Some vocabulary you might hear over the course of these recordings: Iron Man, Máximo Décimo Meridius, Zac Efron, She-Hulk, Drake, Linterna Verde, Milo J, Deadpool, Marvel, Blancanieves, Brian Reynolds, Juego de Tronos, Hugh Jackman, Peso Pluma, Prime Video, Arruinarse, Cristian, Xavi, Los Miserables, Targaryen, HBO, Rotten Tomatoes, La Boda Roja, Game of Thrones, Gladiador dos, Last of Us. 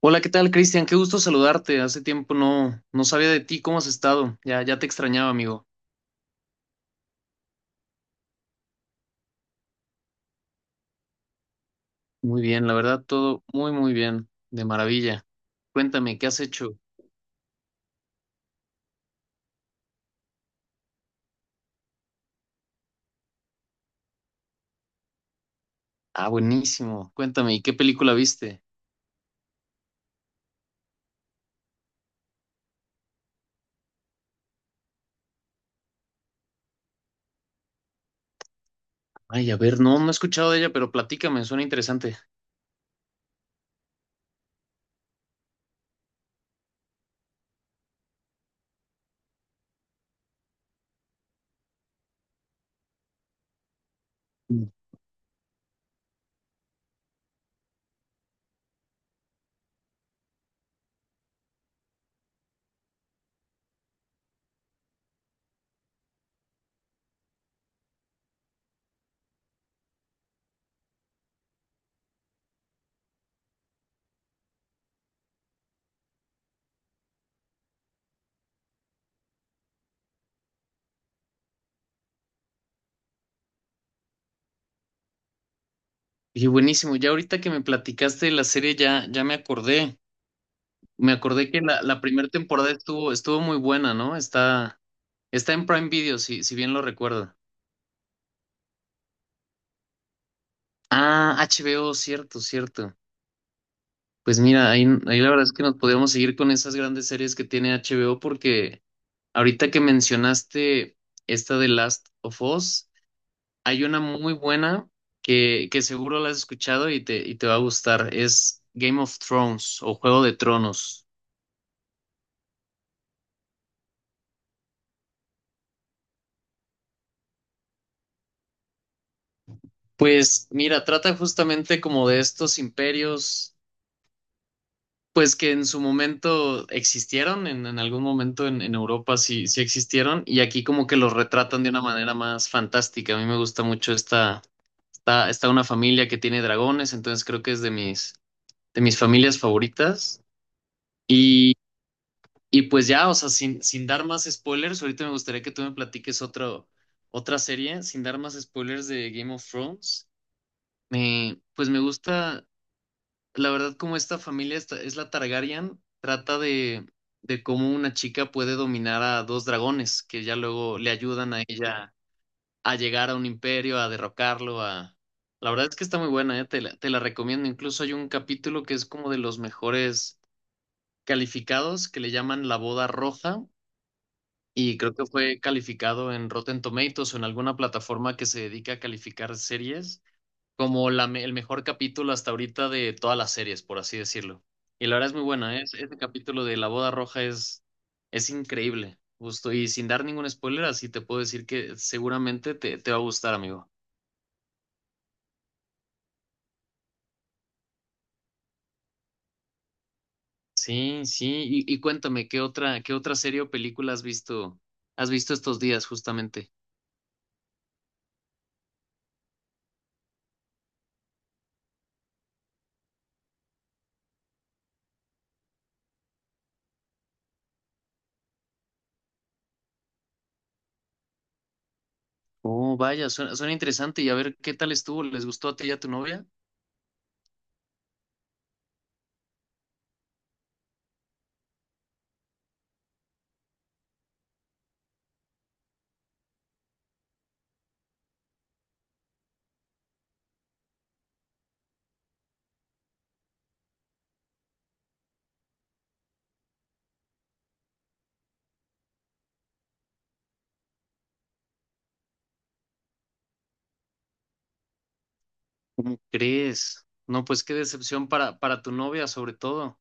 Hola, ¿qué tal, Cristian? Qué gusto saludarte. Hace tiempo no sabía de ti. ¿Cómo has estado? Ya te extrañaba, amigo. Muy bien, la verdad, todo muy bien. De maravilla. Cuéntame, ¿qué has hecho? Ah, buenísimo. Cuéntame, ¿y qué película viste? Ay, a ver, no he escuchado de ella, pero platícame, suena interesante. Mm. Y buenísimo, ya ahorita que me platicaste de la serie, ya me acordé. Me acordé que la primera temporada estuvo muy buena, ¿no? Está en Prime Video, si bien lo recuerdo. Ah, HBO, cierto, cierto. Pues mira, ahí la verdad es que nos podríamos seguir con esas grandes series que tiene HBO porque ahorita que mencionaste esta de Last of Us, hay una muy buena que seguro la has escuchado y te va a gustar. Es Game of Thrones o Juego de Tronos. Pues mira, trata justamente como de estos imperios, pues que en su momento existieron, en algún momento en Europa sí existieron, y aquí como que los retratan de una manera más fantástica. A mí me gusta mucho esta. Está una familia que tiene dragones, entonces creo que es de de mis familias favoritas. Y, y pues ya, o sea, sin dar más spoilers, ahorita me gustaría que tú me platiques otra serie, sin dar más spoilers de Game of Thrones. Me, pues me gusta, la verdad, como esta es la Targaryen, trata de cómo una chica puede dominar a dos dragones que ya luego le ayudan a ella a llegar a un imperio, a derrocarlo, a... La verdad es que está muy buena, ¿eh? Te la recomiendo. Incluso hay un capítulo que es como de los mejores calificados, que le llaman La Boda Roja, y creo que fue calificado en Rotten Tomatoes o en alguna plataforma que se dedica a calificar series, como el mejor capítulo hasta ahorita de todas las series, por así decirlo. Y la verdad es muy buena, ¿eh? Ese capítulo de La Boda Roja es increíble, justo. Y sin dar ningún spoiler, así te puedo decir que seguramente te va a gustar, amigo. Sí, sí. Y cuéntame, qué otra serie o película has visto estos días justamente? Oh, vaya, suena interesante. Y a ver, ¿qué tal estuvo? ¿Les gustó a ti y a tu novia? ¿Cómo crees? No, pues qué decepción para tu novia, sobre todo.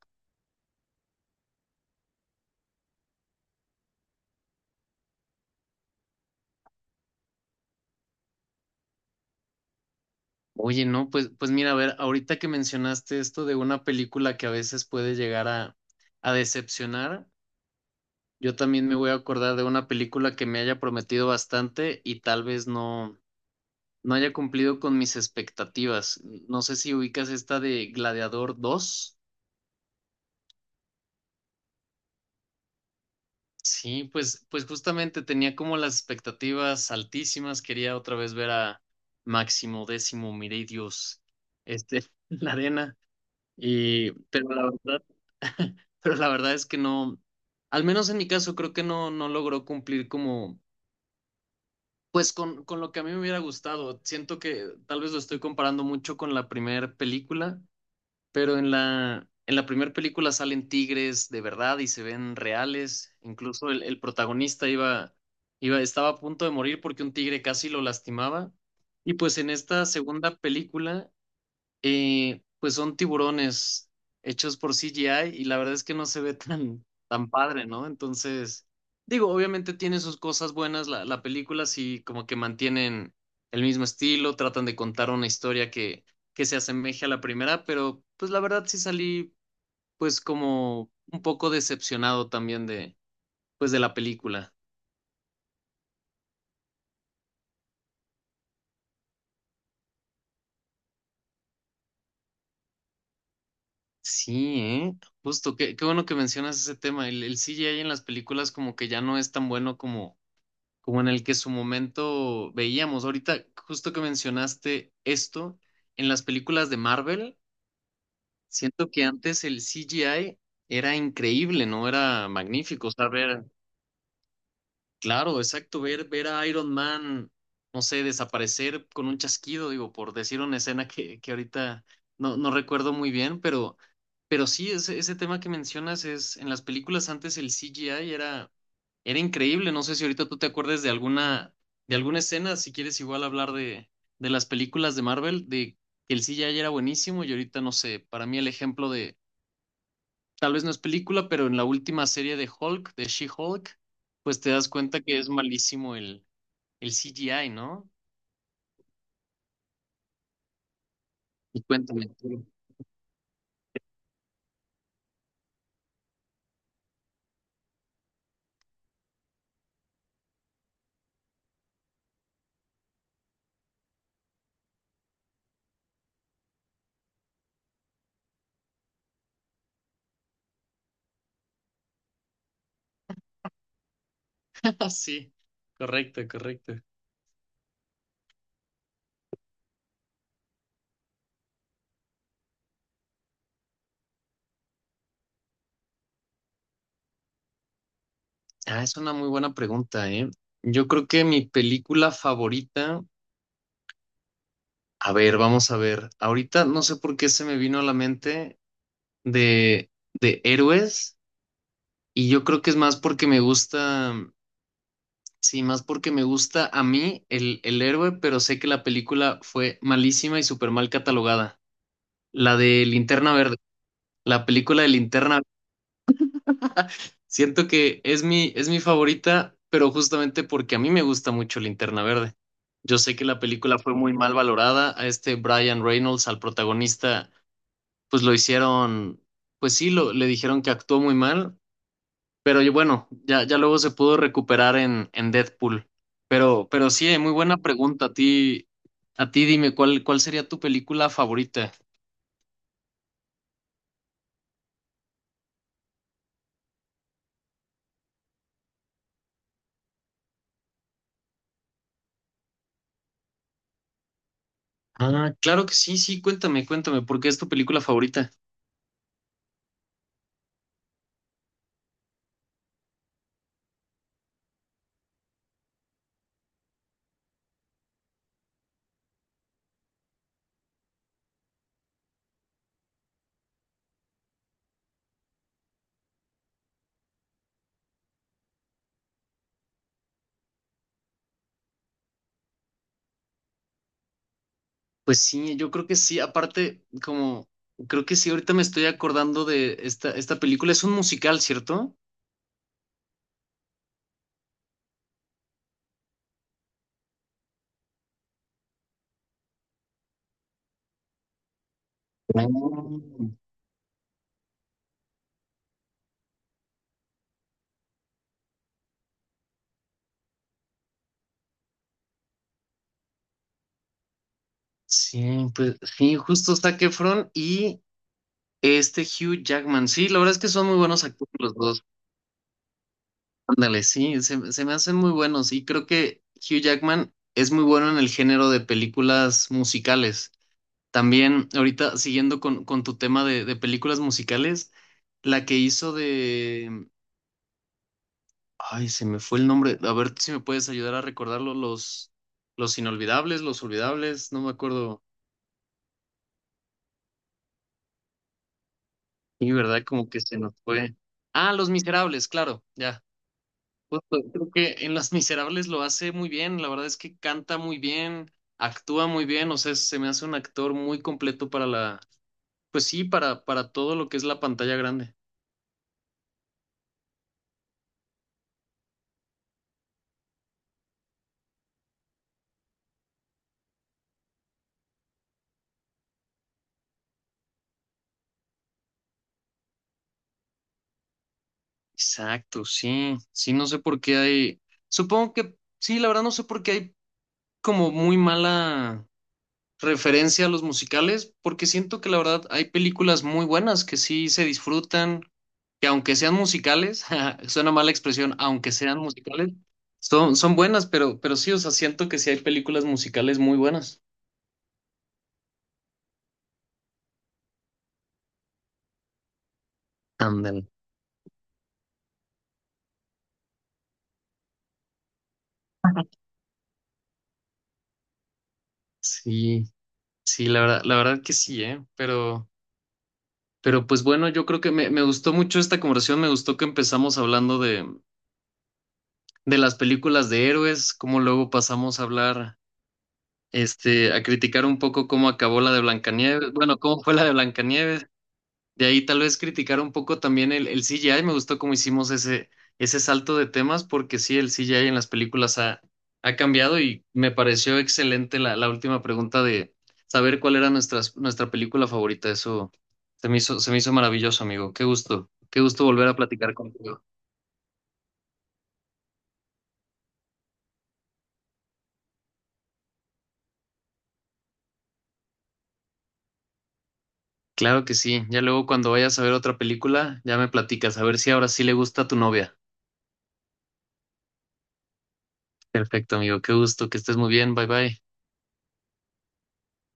Oye, no, pues mira, a ver, ahorita que mencionaste esto de una película que a veces puede llegar a decepcionar, yo también me voy a acordar de una película que me haya prometido bastante y tal vez no, no haya cumplido con mis expectativas. No sé si ubicas esta de Gladiador dos. Sí, pues justamente tenía como las expectativas altísimas. Quería otra vez ver a Máximo Décimo Meridius, este, en la arena. Y, pero la verdad, pero la verdad es que no, al menos en mi caso, creo que no logró cumplir como, pues con lo que a mí me hubiera gustado. Siento que tal vez lo estoy comparando mucho con la primera película. Pero en la primera película salen tigres de verdad y se ven reales. Incluso el protagonista iba, estaba a punto de morir porque un tigre casi lo lastimaba. Y pues en esta segunda película pues son tiburones hechos por CGI y la verdad es que no se ve tan padre, ¿no? Entonces, digo, obviamente tiene sus cosas buenas, la película sí como que mantienen el mismo estilo, tratan de contar una historia que se asemeje a la primera, pero pues la verdad sí salí pues como un poco decepcionado también de, pues de la película. Sí, ¿eh? Justo, qué bueno que mencionas ese tema. El CGI en las películas como que ya no es tan bueno como en el que su momento veíamos. Ahorita, justo que mencionaste esto, en las películas de Marvel, siento que antes el CGI era increíble, ¿no? Era magnífico. O sea, ver, claro, exacto, ver a Iron Man, no sé, desaparecer con un chasquido, digo, por decir una escena que ahorita no recuerdo muy bien, pero sí, ese tema que mencionas es, en las películas antes el CGI era increíble, no sé si ahorita tú te acuerdes de alguna escena, si quieres igual hablar de las películas de Marvel, de que el CGI era buenísimo y ahorita no sé, para mí el ejemplo de, tal vez no es película, pero en la última serie de Hulk, de She-Hulk, pues te das cuenta que es malísimo el CGI, ¿no? Y cuéntame, tú. Sí, correcto, correcto. Ah, es una muy buena pregunta, ¿eh? Yo creo que mi película favorita, a ver, vamos a ver, ahorita no sé por qué se me vino a la mente. De héroes y yo creo que es más porque me gusta, sí, más porque me gusta a mí el héroe, pero sé que la película fue malísima y súper mal catalogada. La de Linterna Verde, la película de Linterna Verde. Siento que es es mi favorita, pero justamente porque a mí me gusta mucho Linterna Verde. Yo sé que la película fue muy mal valorada. A este Brian Reynolds, al protagonista, pues lo hicieron, pues sí, lo, le dijeron que actuó muy mal. Pero y bueno, ya luego se pudo recuperar en Deadpool. Pero sí, muy buena pregunta. A ti dime, ¿cuál, cuál sería tu película favorita? Ah, claro que sí, sí, cuéntame, cuéntame, ¿por qué es tu película favorita? Pues sí, yo creo que sí, aparte, como, creo que sí, ahorita me estoy acordando de esta, esta película, es un musical, ¿cierto? Mm. Sí, pues sí, justo Zac Efron y este Hugh Jackman. Sí, la verdad es que son muy buenos actores los dos. Ándale, sí, se me hacen muy buenos y creo que Hugh Jackman es muy bueno en el género de películas musicales. También, ahorita siguiendo con tu tema de películas musicales, la que hizo de... Ay, se me fue el nombre. A ver si me puedes ayudar a recordarlo. Los inolvidables, los olvidables, no me acuerdo. Y verdad, como que se nos fue. Ah, Los Miserables, claro, ya. Pues, pues, creo que en Las Miserables lo hace muy bien, la verdad es que canta muy bien, actúa muy bien, o sea, se me hace un actor muy completo para pues sí, para todo lo que es la pantalla grande. Exacto, sí, sí, no sé por qué hay, supongo que, sí, la verdad no sé por qué hay como muy mala referencia a los musicales, porque siento que la verdad hay películas muy buenas que sí se disfrutan, que aunque sean musicales, ja, suena mala expresión, aunque sean musicales, son buenas, pero sí, o sea, siento que sí hay películas musicales muy buenas. Ándale. Sí, sí, la verdad que sí, ¿eh? Pero pues bueno, yo creo que me gustó mucho esta conversación, me gustó que empezamos hablando de las películas de héroes, como luego pasamos a hablar este, a criticar un poco cómo acabó la de Blancanieves, bueno, cómo fue la de Blancanieves. De ahí tal vez criticar un poco también el CGI. Me gustó cómo hicimos ese salto de temas, porque sí, el CGI en las películas ha, ha cambiado y me pareció excelente la última pregunta de saber cuál era nuestra película favorita. Eso se me hizo maravilloso, amigo. Qué gusto volver a platicar contigo. Claro que sí. Ya luego cuando vayas a ver otra película, ya me platicas, a ver si ahora sí le gusta a tu novia. Perfecto, amigo. Qué gusto, que estés muy bien. Bye bye.